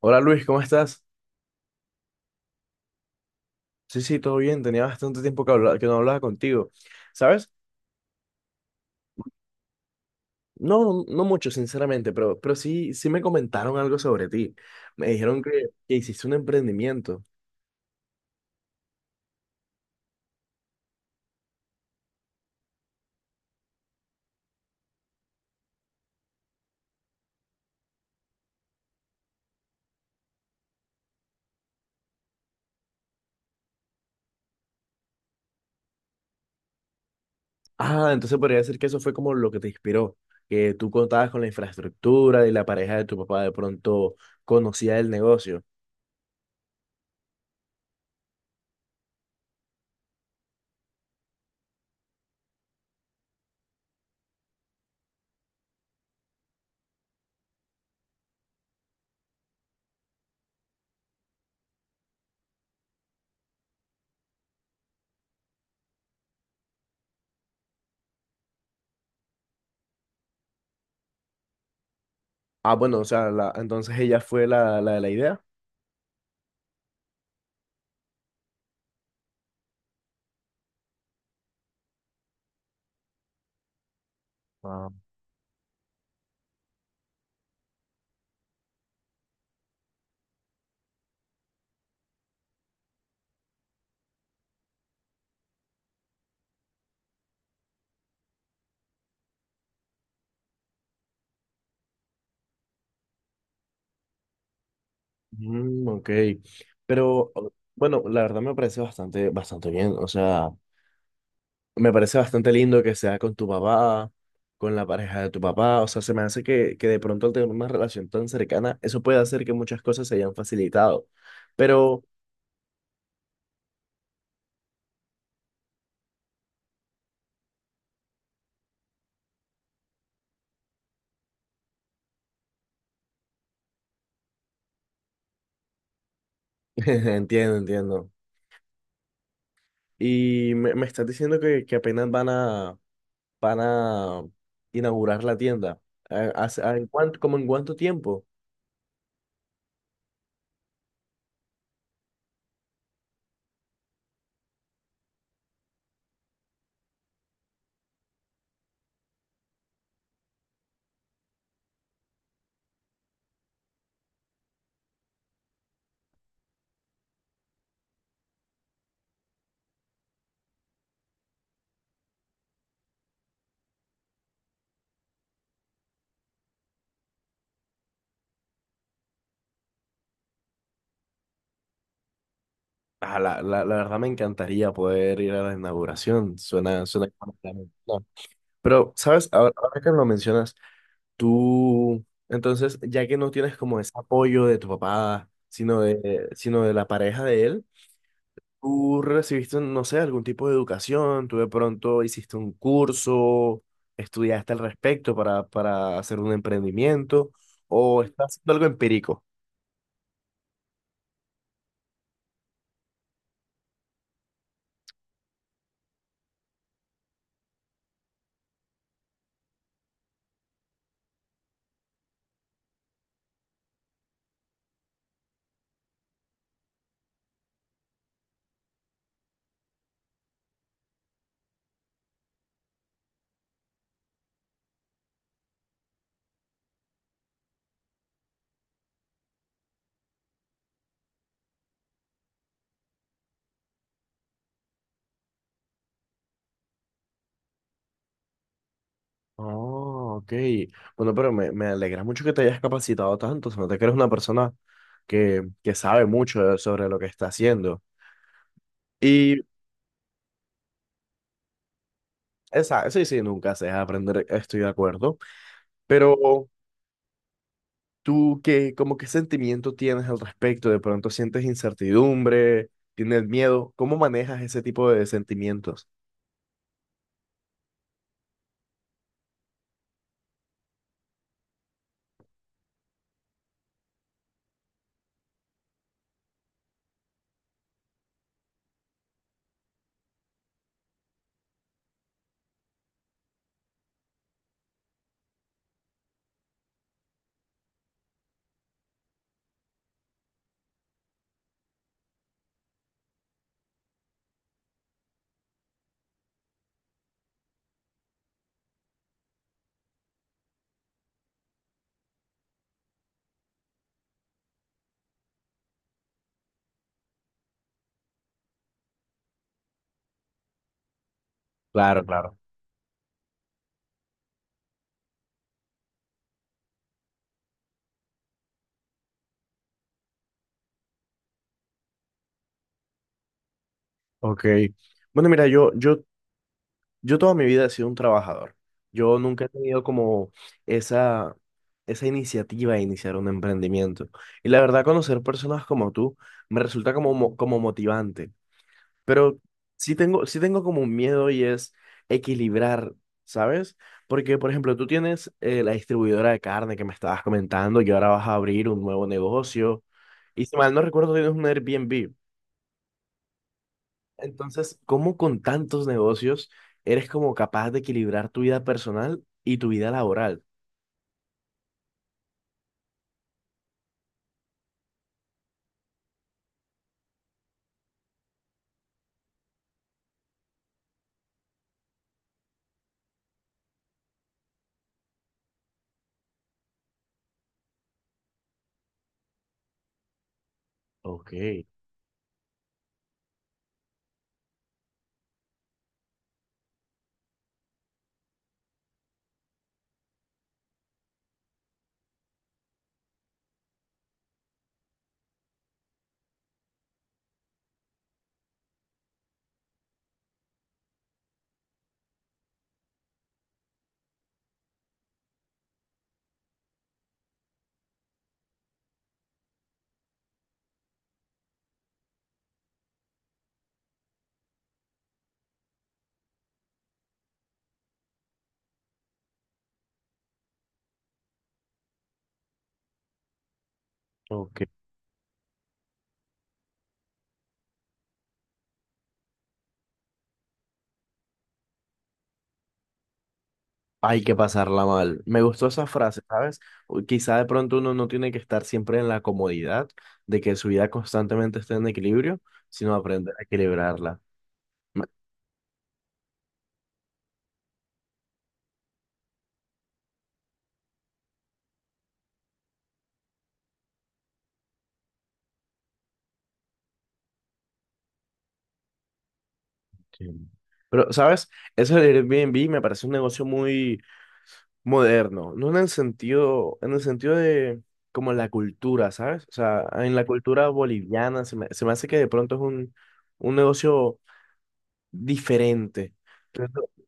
Hola Luis, ¿cómo estás? Sí, sí, todo bien. Tenía bastante tiempo que no hablaba contigo. ¿Sabes? No, no, no mucho, sinceramente, pero sí, sí me comentaron algo sobre ti. Me dijeron que hiciste un emprendimiento. Ah, entonces podría decir que eso fue como lo que te inspiró, que tú contabas con la infraestructura y la pareja de tu papá de pronto conocía el negocio. Ah, bueno, o sea, entonces ella fue la de la idea. Ah, mm, ok. Pero bueno, la verdad me parece bastante bien. O sea, me parece bastante lindo que sea con tu papá, con la pareja de tu papá. O sea, se me hace que de pronto al tener una relación tan cercana, eso puede hacer que muchas cosas se hayan facilitado. Pero entiendo, entiendo. Y me estás diciendo que apenas van van a inaugurar la tienda. ¿En cuánto, como en cuánto tiempo? Ah, la verdad me encantaría poder ir a la inauguración. Suena, suena como plan. No. Pero, ¿sabes? Ahora que lo mencionas. Tú, entonces, ya que no tienes como ese apoyo de tu papá, sino de la pareja de él, tú recibiste, no sé, algún tipo de educación, tú de pronto hiciste un curso, estudiaste al respecto para hacer un emprendimiento, o estás haciendo algo empírico. Oh, ok. Bueno, pero me alegra mucho que te hayas capacitado tanto. Se nota que eres una persona que sabe mucho sobre lo que está haciendo. Y esa, sí, sí, nunca se deja aprender, estoy de acuerdo. Pero tú, ¿qué, como qué sentimiento tienes al respecto? ¿De pronto sientes incertidumbre? ¿Tienes miedo? ¿Cómo manejas ese tipo de sentimientos? Claro, claro. Ok. Bueno, mira, yo toda mi vida he sido un trabajador. Yo nunca he tenido como esa, esa iniciativa de iniciar un emprendimiento. Y la verdad, conocer personas como tú me resulta como, como motivante. Pero sí tengo como un miedo y es equilibrar, ¿sabes? Porque, por ejemplo, tú tienes la distribuidora de carne que me estabas comentando y ahora vas a abrir un nuevo negocio. Y si mal no recuerdo, tienes un Airbnb. Entonces, ¿cómo con tantos negocios eres como capaz de equilibrar tu vida personal y tu vida laboral? Ok, ok. Hay que pasarla mal. Me gustó esa frase, ¿sabes? O quizá de pronto uno no tiene que estar siempre en la comodidad de que su vida constantemente esté en equilibrio, sino aprender a equilibrarla. Ma- sí. Pero, ¿sabes? Eso del Airbnb me parece un negocio muy moderno, no en el sentido, en el sentido de como la cultura, ¿sabes? O sea, en la cultura boliviana se me hace que de pronto es un negocio diferente. Entonces,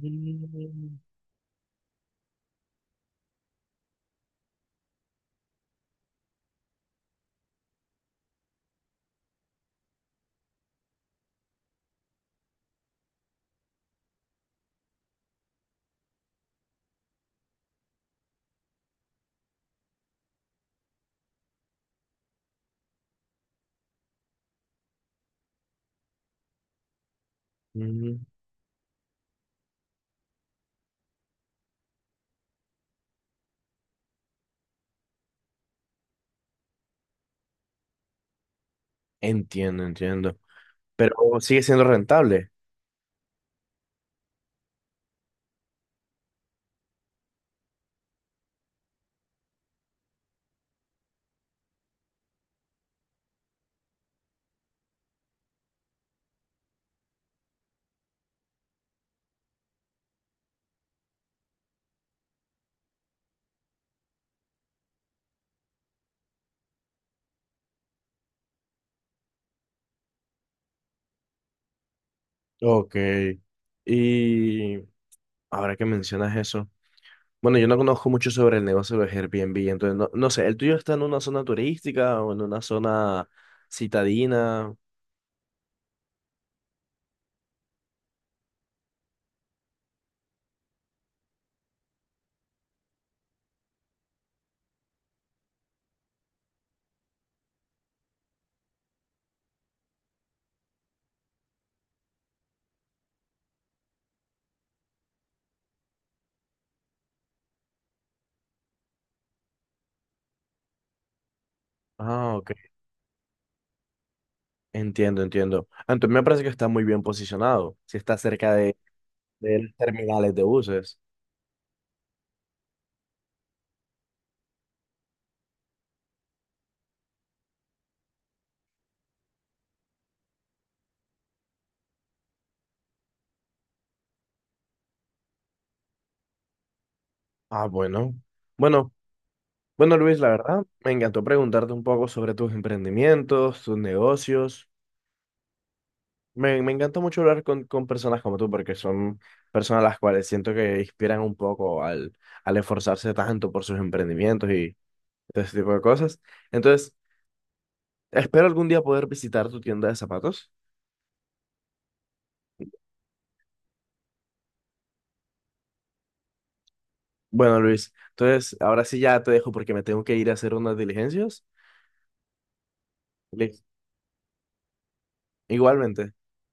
mm, mm, entiendo, entiendo. Pero sigue siendo rentable. Ok. Y ahora que mencionas eso, bueno, yo no conozco mucho sobre el negocio de Airbnb, entonces no, no sé, ¿el tuyo está en una zona turística o en una zona citadina? Ah, ok. Entiendo, entiendo. Ah, entonces me parece que está muy bien posicionado, si está cerca de los terminales de buses. Ah, bueno. Bueno, bueno, Luis, la verdad, me encantó preguntarte un poco sobre tus emprendimientos, tus negocios. Me encanta mucho hablar con personas como tú, porque son personas las cuales siento que inspiran un poco al esforzarse tanto por sus emprendimientos y todo ese tipo de cosas. Entonces, espero algún día poder visitar tu tienda de zapatos. Bueno, Luis, entonces ahora sí ya te dejo porque me tengo que ir a hacer unas diligencias. Listo. Igualmente.